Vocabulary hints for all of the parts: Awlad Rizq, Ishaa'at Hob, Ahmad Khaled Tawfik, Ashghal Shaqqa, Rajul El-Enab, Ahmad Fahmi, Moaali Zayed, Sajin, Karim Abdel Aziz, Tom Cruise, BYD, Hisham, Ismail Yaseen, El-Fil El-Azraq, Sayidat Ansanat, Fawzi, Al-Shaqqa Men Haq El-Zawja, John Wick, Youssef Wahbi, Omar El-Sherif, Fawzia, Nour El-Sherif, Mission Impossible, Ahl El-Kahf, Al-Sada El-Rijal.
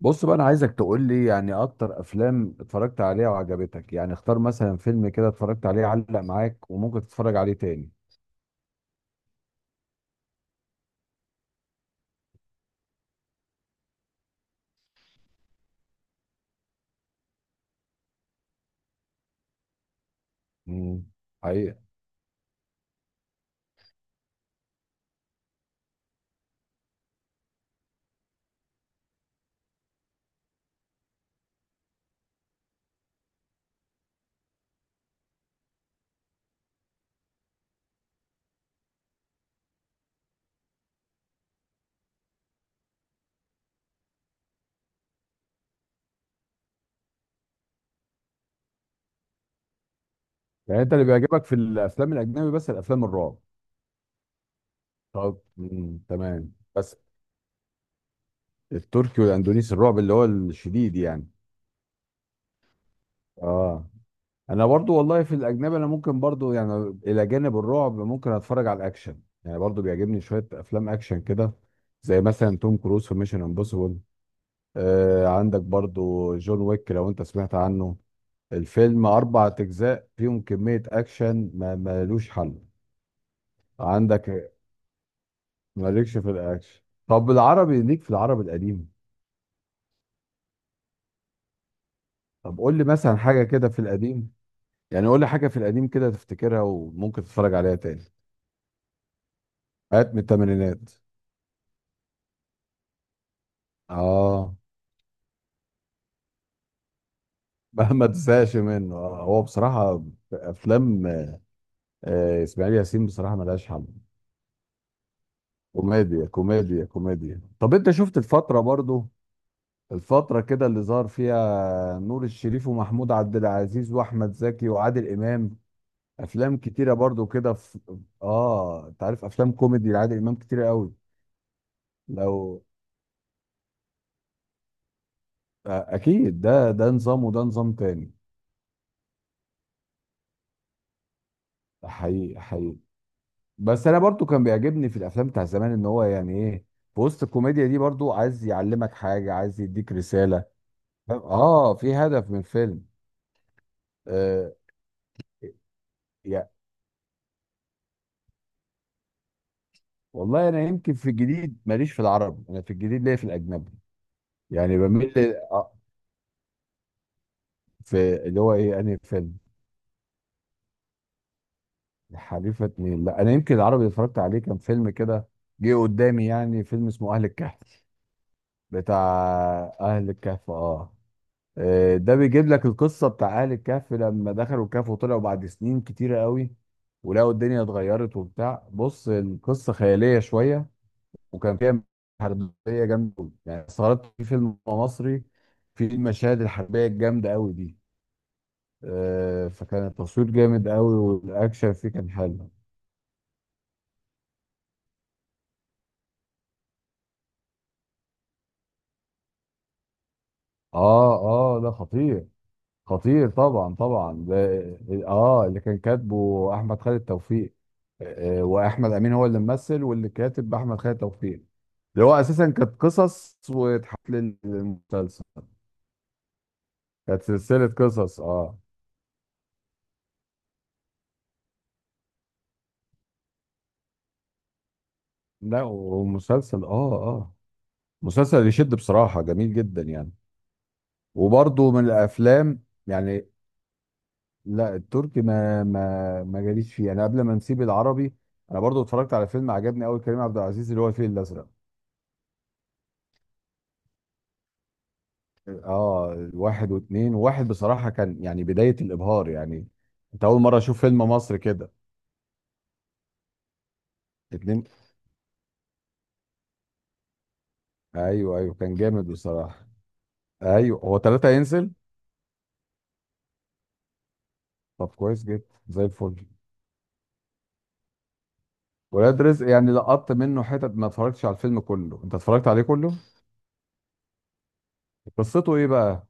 بص بقى انا عايزك تقول لي يعني اكتر افلام اتفرجت عليها وعجبتك، يعني اختار مثلا فيلم كده اتفرجت عليه علق معاك وممكن تتفرج عليه تاني. امم. حقيقة. يعني انت اللي بيعجبك في الافلام الاجنبي بس الافلام الرعب؟ طب تمام بس التركي والاندونيسي الرعب اللي هو الشديد يعني؟ اه. انا برضو والله في الاجنبي انا ممكن برضو يعني الى جانب الرعب ممكن اتفرج على الاكشن، يعني برضو بيعجبني شوية افلام اكشن كده، زي مثلا توم كروز في ميشن امبوسيبل. عندك برضو جون ويك لو انت سمعت عنه. الفيلم 4 اجزاء فيهم كمية اكشن ما ملوش حل. عندك. مالكش في الاكشن. طب العربي ليك في العربي القديم؟ طب قول لي مثلا حاجة كده في القديم، يعني قول لي حاجة في القديم كده تفتكرها وممكن تتفرج عليها تاني. حاجات من الثمانينات. اه. مهما تزهقش منه هو بصراحة افلام اسماعيل ياسين بصراحة ملهاش حل. كوميديا كوميديا كوميديا. طب انت شفت الفترة برضو؟ الفترة كده اللي ظهر فيها نور الشريف ومحمود عبد العزيز واحمد زكي وعادل امام، افلام كتيرة برضو كده في. اه، انت عارف افلام كوميدي لعادل امام كتيرة قوي. لو، اكيد، ده نظام، وده نظام تاني. ده حقيقي حقيقي. بس انا برضو كان بيعجبني في الافلام بتاع زمان، ان هو يعني ايه، في وسط الكوميديا دي برضو عايز يعلمك حاجة، عايز يديك رسالة. فاهم؟ اه، في هدف من الفيلم. آه. يا، والله انا يمكن في الجديد ماليش في العربي، انا في الجديد ليا في الاجنبي. يعني بميل في اللي هو ايه، انهي فيلم؟ الحريفه اتنين؟ لا، انا يمكن العربي اللي اتفرجت عليه كان فيلم كده جه قدامي، يعني فيلم اسمه اهل الكهف. بتاع اهل الكهف، اه. ده بيجيب لك القصه بتاع اهل الكهف لما دخلوا الكهف وطلعوا بعد سنين كتيره قوي، ولقوا الدنيا اتغيرت وبتاع، بص القصه خياليه شويه، وكان فيها حربيه جامده أوي. يعني استغربت في فيلم مصري في المشاهد الحربيه الجامده قوي دي. فكان التصوير جامد قوي والاكشن فيه كان حلو. اه اه، ده خطير. خطير طبعا طبعا. ده اه اللي كان كاتبه احمد خالد توفيق. آه آه، واحمد امين هو اللي ممثل، واللي كاتب احمد خالد توفيق. اللي هو اساسا كانت قصص واتحط للمسلسل، كانت سلسله قصص، اه. لا ومسلسل، اه اه، مسلسل يشد بصراحه، جميل جدا يعني. وبرضه من الافلام يعني. لا، التركي ما جاليش فيه، انا قبل ما نسيب العربي، انا برضو اتفرجت على فيلم عجبني قوي كريم عبد العزيز اللي هو الفيل الازرق، اه، واحد واثنين. واحد بصراحه كان يعني بدايه الابهار يعني، انت اول مره اشوف فيلم مصري كده. اتنين، ايوه ايوه كان جامد بصراحه. ايوه هو ثلاثه ينزل. طب كويس جدا. زي الفل. ولاد رزق، يعني لقطت منه حتت، ما اتفرجتش على الفيلم كله. انت اتفرجت عليه كله؟ قصته ايه بقى؟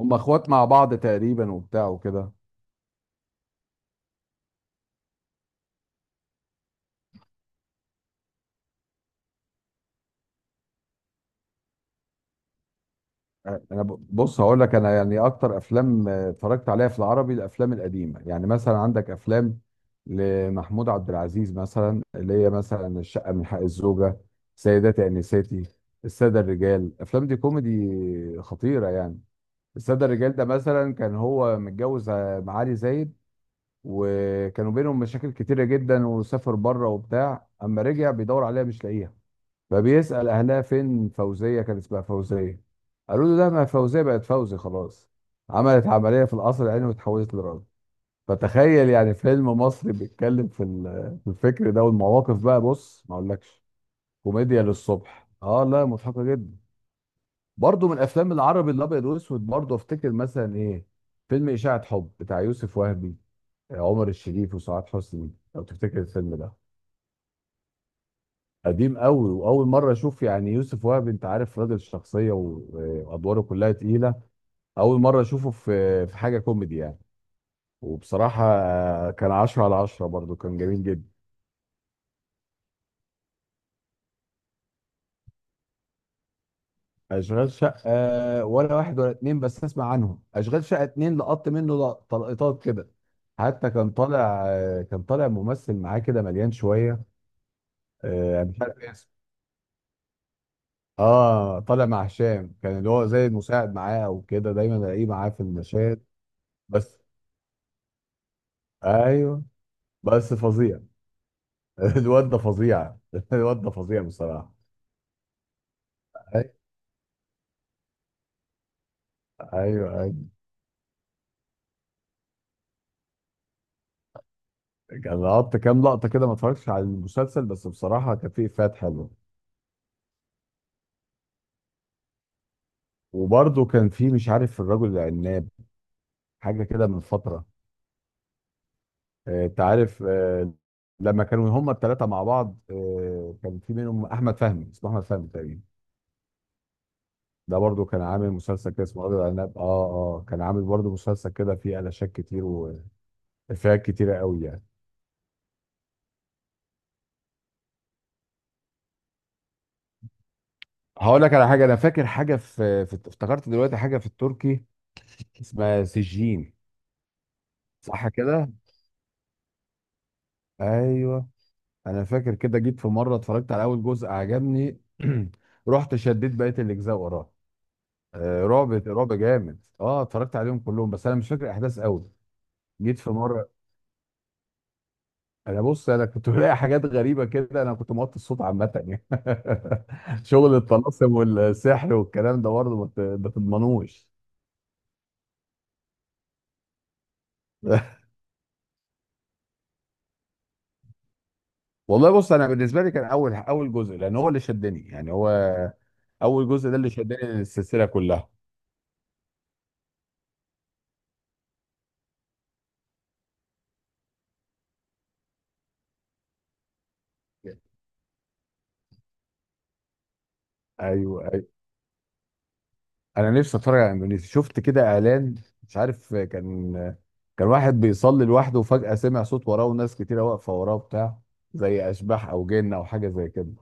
هم اخوات مع بعض تقريبا وبتاع وكده. انا بص، هقول لك، انا يعني اكتر افلام اتفرجت عليها في العربي الافلام القديمه، يعني مثلا عندك افلام لمحمود عبد العزيز مثلا اللي هي مثلا الشقه من حق الزوجه، سيداتي انساتي، الساده الرجال. الافلام دي كوميدي خطيره يعني. الساده الرجال ده مثلا كان هو متجوز معالي زايد، وكانوا بينهم مشاكل كتيره جدا، وسافر بره وبتاع، اما رجع بيدور عليها مش لاقيها، فبيسأل أهلها فين فوزية، كان اسمها فوزية. قالوا له لا، ما فوزية بقت فوزي خلاص، عملت عملية في القصر العيني واتحولت لراجل. فتخيل يعني فيلم مصري بيتكلم في في الفكر ده! والمواقف بقى، بص، ما اقولكش، كوميديا للصبح. اه لا، مضحكة جدا. برضه من افلام العربي الابيض والاسود، برضه افتكر مثلا ايه، فيلم اشاعة حب بتاع يوسف وهبي، عمر الشريف وسعاد حسني، لو تفتكر الفيلم ده، قديم قوي. واول مره اشوف يعني يوسف وهب، انت عارف راجل شخصيه وادواره كلها تقيله، اول مره اشوفه في حاجه كوميدي يعني. وبصراحه كان 10/10، برضو كان جميل جدا. اشغال شقه ولا واحد ولا اتنين، بس اسمع عنهم. اشغال شقه اتنين، لقط منه تلقيطات كده. حتى كان طالع ممثل معاه كده مليان شويه، مش عارف اسمه، اه، طالع مع هشام، كان اللي هو زي المساعد معاه او كده، دايما الاقيه معاه في المشاهد. بس، ايوه. بس فظيع. الواد ده فظيع. الواد ده فظيع بصراحه. أي- ايوه ايوه، كان لقطت كام لقطه كده، ما اتفرجتش على المسلسل، بس بصراحه كان فيه افيهات حلوه. وبرده كان فيه، مش عارف، الرجل العناب، حاجه كده من فتره، انت عارف، لما كانوا هما الثلاثه مع بعض، كان في منهم احمد فهمي، اسمه احمد فهمي تقريبا. ده برضو كان عامل مسلسل كده اسمه رجل العناب، اه. اه، كان عامل برضو مسلسل كده فيه علاشات كتير وافيهات كتيره قوي يعني. هقول لك على حاجه، انا فاكر حاجه في, في افتكرت دلوقتي حاجه في التركي، اسمها سجين. صح كده، ايوه. انا فاكر كده، جيت في مره اتفرجت على اول جزء عجبني. رحت شديت بقيه الاجزاء وراه. رعب رعب جامد، اه، اتفرجت عليهم كلهم، بس انا مش فاكر احداث قوي. جيت في مره، انا بص، انا كنت بلاقي حاجات غريبه كده، انا كنت موطي الصوت عامه يعني. شغل الطلاسم والسحر والكلام ده برضه ما تضمنوش. والله بص، انا بالنسبه لي كان اول اول جزء، لان هو اللي شدني يعني، هو اول جزء ده اللي شدني السلسله كلها. ايوه ايوه، انا نفسي اتفرج على اندونيسيا، شفت كده اعلان، مش عارف كان، كان واحد بيصلي لوحده وفجاه سمع صوت وراه وناس كتيره واقفه وراه بتاع، زي اشباح او جن او حاجه زي كده.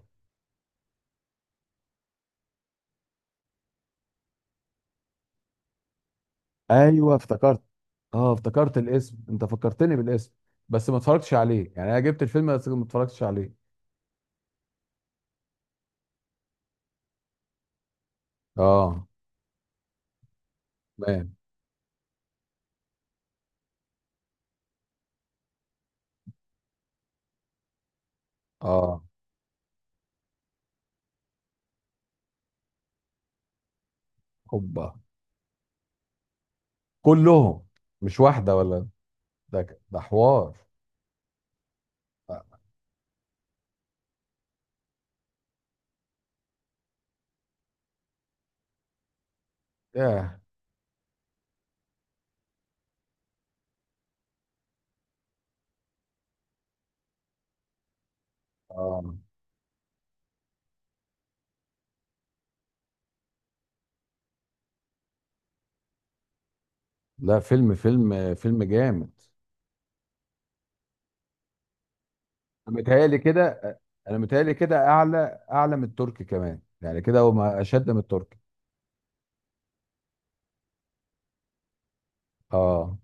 ايوه افتكرت. اه، افتكرت الاسم، انت فكرتني بالاسم، بس ما اتفرجتش عليه يعني، انا جبت الفيلم بس ما اتفرجتش عليه. اه. تمام. اه. هوبا. كلهم. مش واحدة ولا. ده حوار. ياه. آه. لا، فيلم فيلم فيلم جامد. انا متهيألي كده. اعلى، اعلى من التركي كمان يعني، كده هو، ما اشد من التركي. اه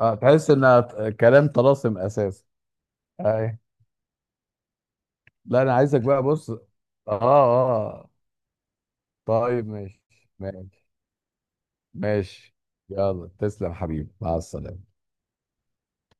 اه، تحس ان كلام طلاسم اساسا. اي. لا، انا عايزك بقى، بص، اه، اه. طيب ماشي، ماشي، ماشي. يلا تسلم حبيبي، مع السلامة.